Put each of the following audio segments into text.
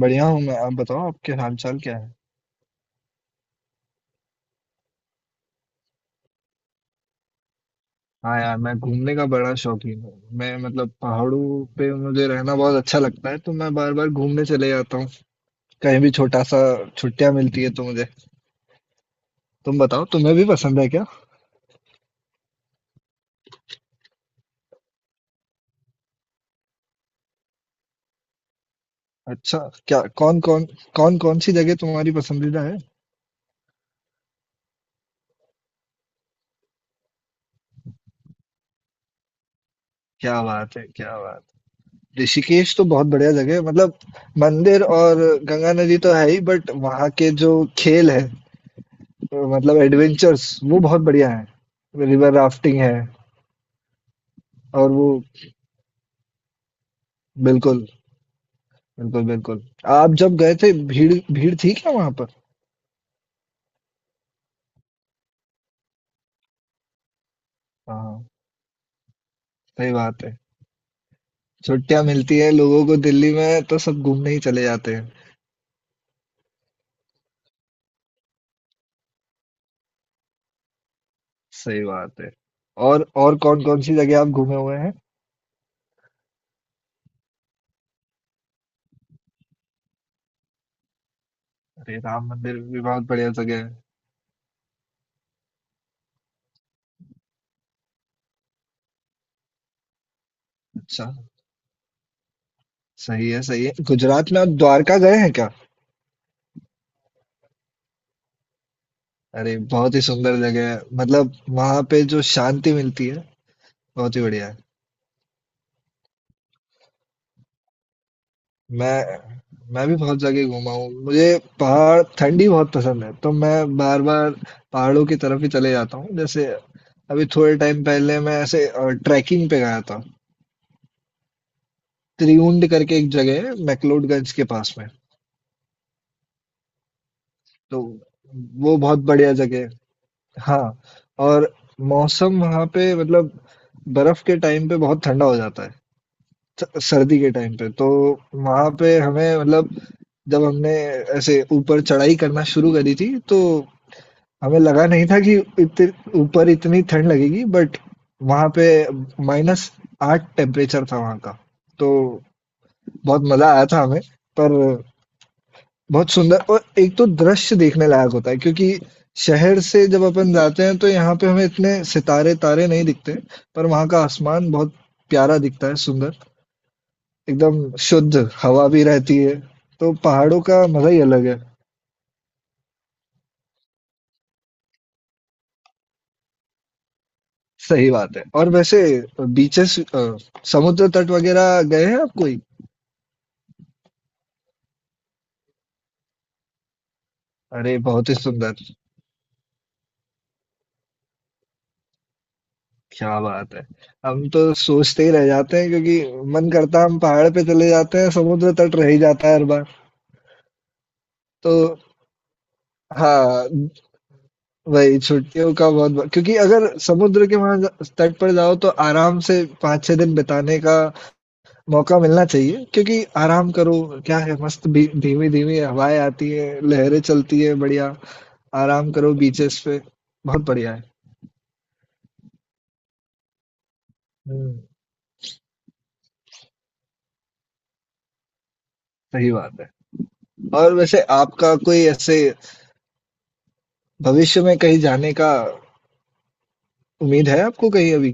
बढ़िया हूँ मैं। आप बताओ आपके हाल चाल क्या है। हाँ यार, मैं घूमने का बड़ा शौकीन हूँ। मैं, मतलब पहाड़ों पे मुझे रहना बहुत अच्छा लगता है, तो मैं बार बार घूमने चले जाता हूँ। कहीं भी छोटा सा छुट्टियां मिलती है तो मुझे। तुम बताओ, तुम्हें भी पसंद है क्या? अच्छा। क्या कौन कौन कौन कौन सी जगह तुम्हारी पसंदीदा है? क्या बात है! क्या बात ऋषिकेश तो बहुत बढ़िया जगह है। मतलब मंदिर और गंगा नदी तो है ही, बट वहाँ के जो खेल है, मतलब एडवेंचर्स, वो बहुत बढ़िया है। रिवर राफ्टिंग है। और वो बिल्कुल, बिल्कुल, बिल्कुल। आप जब गए थे भीड़ भीड़ थी क्या वहाँ पर? हाँ, सही बात है। छुट्टियाँ मिलती हैं लोगों को दिल्ली में तो सब घूमने ही चले जाते हैं। सही बात है। और कौन-कौन सी जगह आप घूमे हुए हैं? अरे राम मंदिर भी बहुत बढ़िया जगह है। अच्छा, सही है, सही है। गुजरात में आप द्वारका गए हैं क्या? अरे बहुत ही सुंदर जगह है। मतलब वहाँ पे जो शांति मिलती है, बहुत ही बढ़िया है। मैं मैं भी बहुत जगह घूमा हूँ। मुझे पहाड़, ठंडी बहुत पसंद है तो मैं बार बार पहाड़ों की तरफ ही चले जाता हूँ। जैसे अभी थोड़े टाइम पहले मैं ऐसे ट्रैकिंग पे गया था। त्रिउंड करके एक जगह है मैक्लोडगंज के पास में। तो वो बहुत बढ़िया जगह है, हाँ। और मौसम वहाँ पे, मतलब बर्फ के टाइम पे बहुत ठंडा हो जाता है, सर्दी के टाइम पे तो वहाँ पे हमें, मतलब जब हमने ऐसे ऊपर चढ़ाई करना शुरू करी थी, तो हमें लगा नहीं था कि ऊपर इतनी ठंड लगेगी, बट वहां पे -8 टेम्परेचर था वहां का। तो बहुत मजा आया था हमें। पर बहुत सुंदर, और एक तो दृश्य देखने लायक होता है क्योंकि शहर से जब अपन जाते हैं तो यहाँ पे हमें इतने सितारे तारे नहीं दिखते, पर वहाँ का आसमान बहुत प्यारा दिखता है, सुंदर एकदम। शुद्ध हवा भी रहती है, तो पहाड़ों का मजा ही अलग है। सही बात है। और वैसे बीचेस, समुद्र तट वगैरह गए हैं आप कोई? अरे बहुत ही सुंदर! क्या बात है! हम तो सोचते ही रह जाते हैं क्योंकि मन करता है हम पहाड़ पे चले जाते हैं, समुद्र तट रह ही जाता है हर बार। तो हाँ, वही छुट्टियों का बहुत बड़ा, क्योंकि अगर समुद्र के वहां तट पर जाओ तो आराम से पाँच छह दिन बिताने का मौका मिलना चाहिए, क्योंकि आराम करो। क्या है मस्त भी, धीमी धीमी हवाएं आती है, लहरें चलती है, बढ़िया। आराम करो बीचेस पे। बहुत बढ़िया है। हम्म। सही बात है। और वैसे आपका कोई ऐसे भविष्य में कहीं जाने का उम्मीद है आपको कहीं अभी?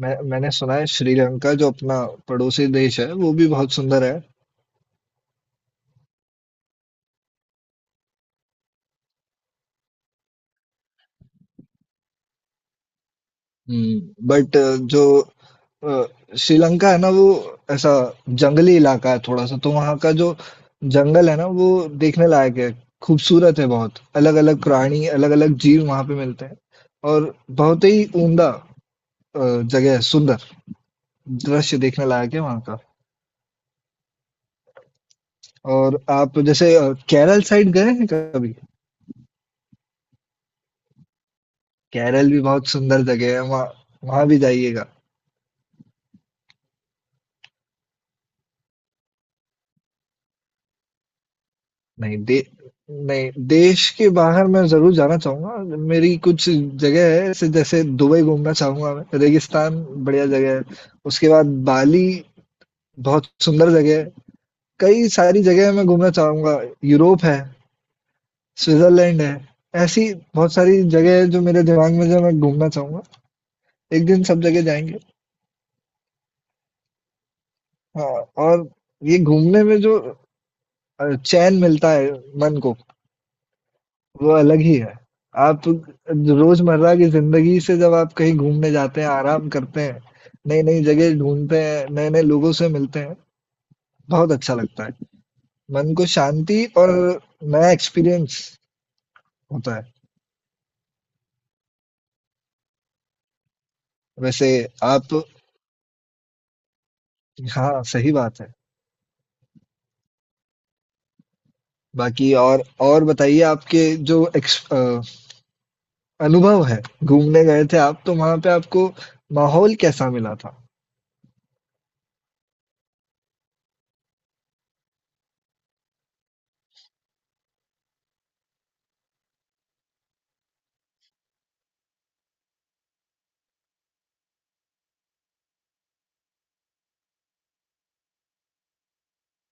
मैंने सुना है श्रीलंका जो अपना पड़ोसी देश है, वो भी बहुत सुंदर है। हम्म, बट जो अ, श्रीलंका है ना, वो ऐसा जंगली इलाका है थोड़ा सा। तो वहाँ का जो जंगल है ना, वो देखने लायक है, खूबसूरत है। बहुत अलग अलग प्राणी, अलग अलग जीव वहाँ पे मिलते हैं। और बहुत ही उम्दा जगह है, सुंदर। दृश्य देखने लायक है वहाँ का। और आप जैसे केरल साइड गए हैं कभी? केरल भी बहुत सुंदर जगह है। वहाँ वहाँ भी जाइएगा। नहीं दे नहीं, देश के बाहर मैं जरूर जाना चाहूंगा। मेरी कुछ जगह है ऐसे, जैसे दुबई घूमना चाहूंगा मैं, रेगिस्तान बढ़िया जगह है। उसके बाद बाली, बहुत सुंदर जगह है। कई सारी जगह मैं घूमना चाहूंगा। यूरोप है, स्विट्जरलैंड है। ऐसी बहुत सारी जगह है जो मेरे दिमाग में, जो मैं घूमना चाहूंगा। एक दिन सब जगह जाएंगे। हाँ। और ये घूमने में जो चैन मिलता है मन को, वो अलग ही है। आप रोजमर्रा की जिंदगी से जब आप कहीं घूमने जाते हैं, आराम करते हैं, नई-नई जगह ढूँढते हैं, नए-नए लोगों से मिलते हैं, बहुत अच्छा लगता है। मन को शांति और नया एक्सपीरियंस होता है। वैसे आप हाँ, सही बात है। बाकी और बताइए, आपके जो अनुभव है, घूमने गए थे आप, तो वहाँ पे आपको माहौल कैसा मिला था?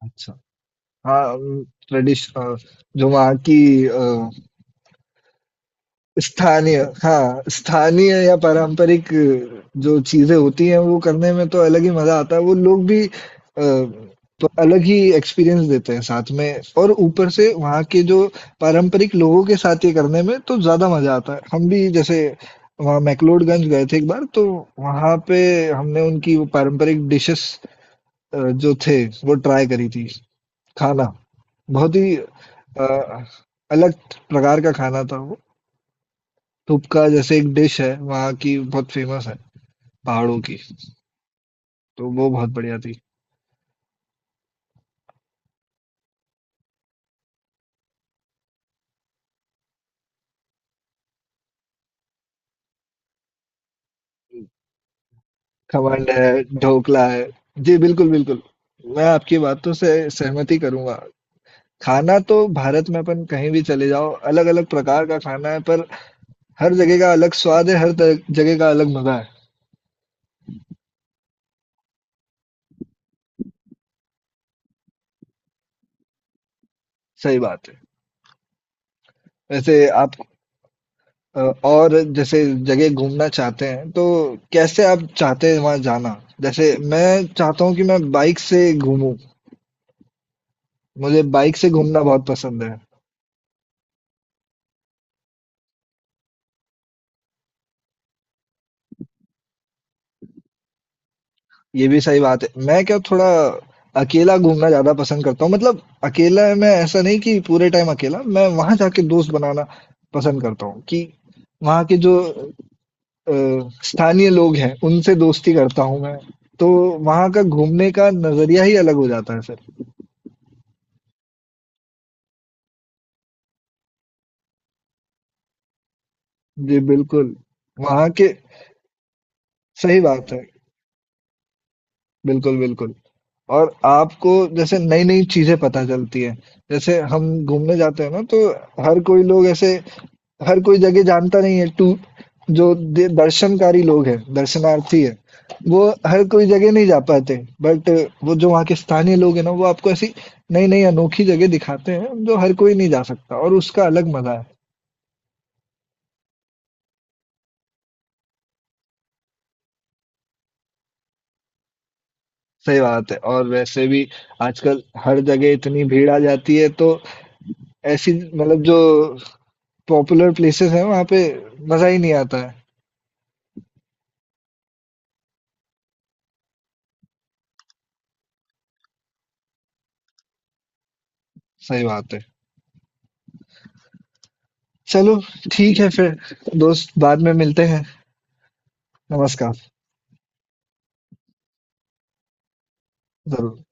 अच्छा। हाँ, जो वहाँ की अ स्थानीय, हाँ, स्थानीय या पारंपरिक जो चीज़ें होती हैं, वो करने में तो अलग ही मज़ा आता है। वो लोग भी तो अलग ही एक्सपीरियंस देते हैं साथ में, और ऊपर से वहाँ के जो पारंपरिक लोगों के साथ ये करने में तो ज़्यादा मज़ा आता है। हम भी जैसे वहाँ मैक्लोडगंज गए थे एक बार, तो वहाँ पे हमने उनकी वो पारंपरिक डिशेज़, जो थे, वो ट्राई करी थी, खाना। बहुत ही अलग प्रकार का खाना था वो। थुपका जैसे एक डिश है वहाँ की, बहुत फेमस है पहाड़ों की। तो वो बहुत बढ़िया थी। खमन है, ढोकला है। जी बिल्कुल, बिल्कुल। मैं आपकी बातों से सहमति करूंगा। खाना तो भारत में अपन कहीं भी चले जाओ, अलग अलग प्रकार का खाना है, पर हर जगह का अलग स्वाद है, हर जगह का अलग मजा है। सही बात है। वैसे आप और जैसे जगह घूमना चाहते हैं तो कैसे आप चाहते हैं वहां जाना? जैसे मैं चाहता हूँ कि मैं बाइक से घूमूं। मुझे बाइक से घूमना बहुत पसंद है। ये भी सही बात है। मैं क्या, थोड़ा अकेला घूमना ज़्यादा पसंद करता हूँ। मतलब अकेला मैं ऐसा नहीं कि पूरे टाइम अकेला, मैं वहाँ जाके दोस्त बनाना पसंद करता हूँ, कि वहाँ के जो अ, स्थानीय लोग हैं, उनसे दोस्ती करता हूँ मैं। तो वहाँ का घूमने का नज़रिया ही अलग हो जाता है फिर। जी, बिल्कुल। वहाँ के सही बात है। बिल्कुल, बिल्कुल। और आपको जैसे नई-नई चीज़ें पता चलती हैं। जैसे हम घूमने जाते हैं ना, तो हर कोई लोग ऐसे हर कोई जगह जानता नहीं है टू। जो दर्शनकारी लोग हैं, दर्शनार्थी है, वो हर कोई जगह नहीं जा पाते, बट वो जो वहाँ के स्थानीय लोग हैं ना, वो आपको ऐसी नई नई अनोखी जगह दिखाते हैं जो हर कोई नहीं जा सकता, और उसका अलग मजा है। सही बात है। और वैसे भी आजकल हर जगह इतनी भीड़ आ जाती है, तो ऐसी, मतलब जो पॉपुलर प्लेसेस हैं वहाँ पे मजा ही नहीं आता है। सही बात है। चलो ठीक है फिर, दोस्त बाद में मिलते हैं। नमस्कार। जरूर।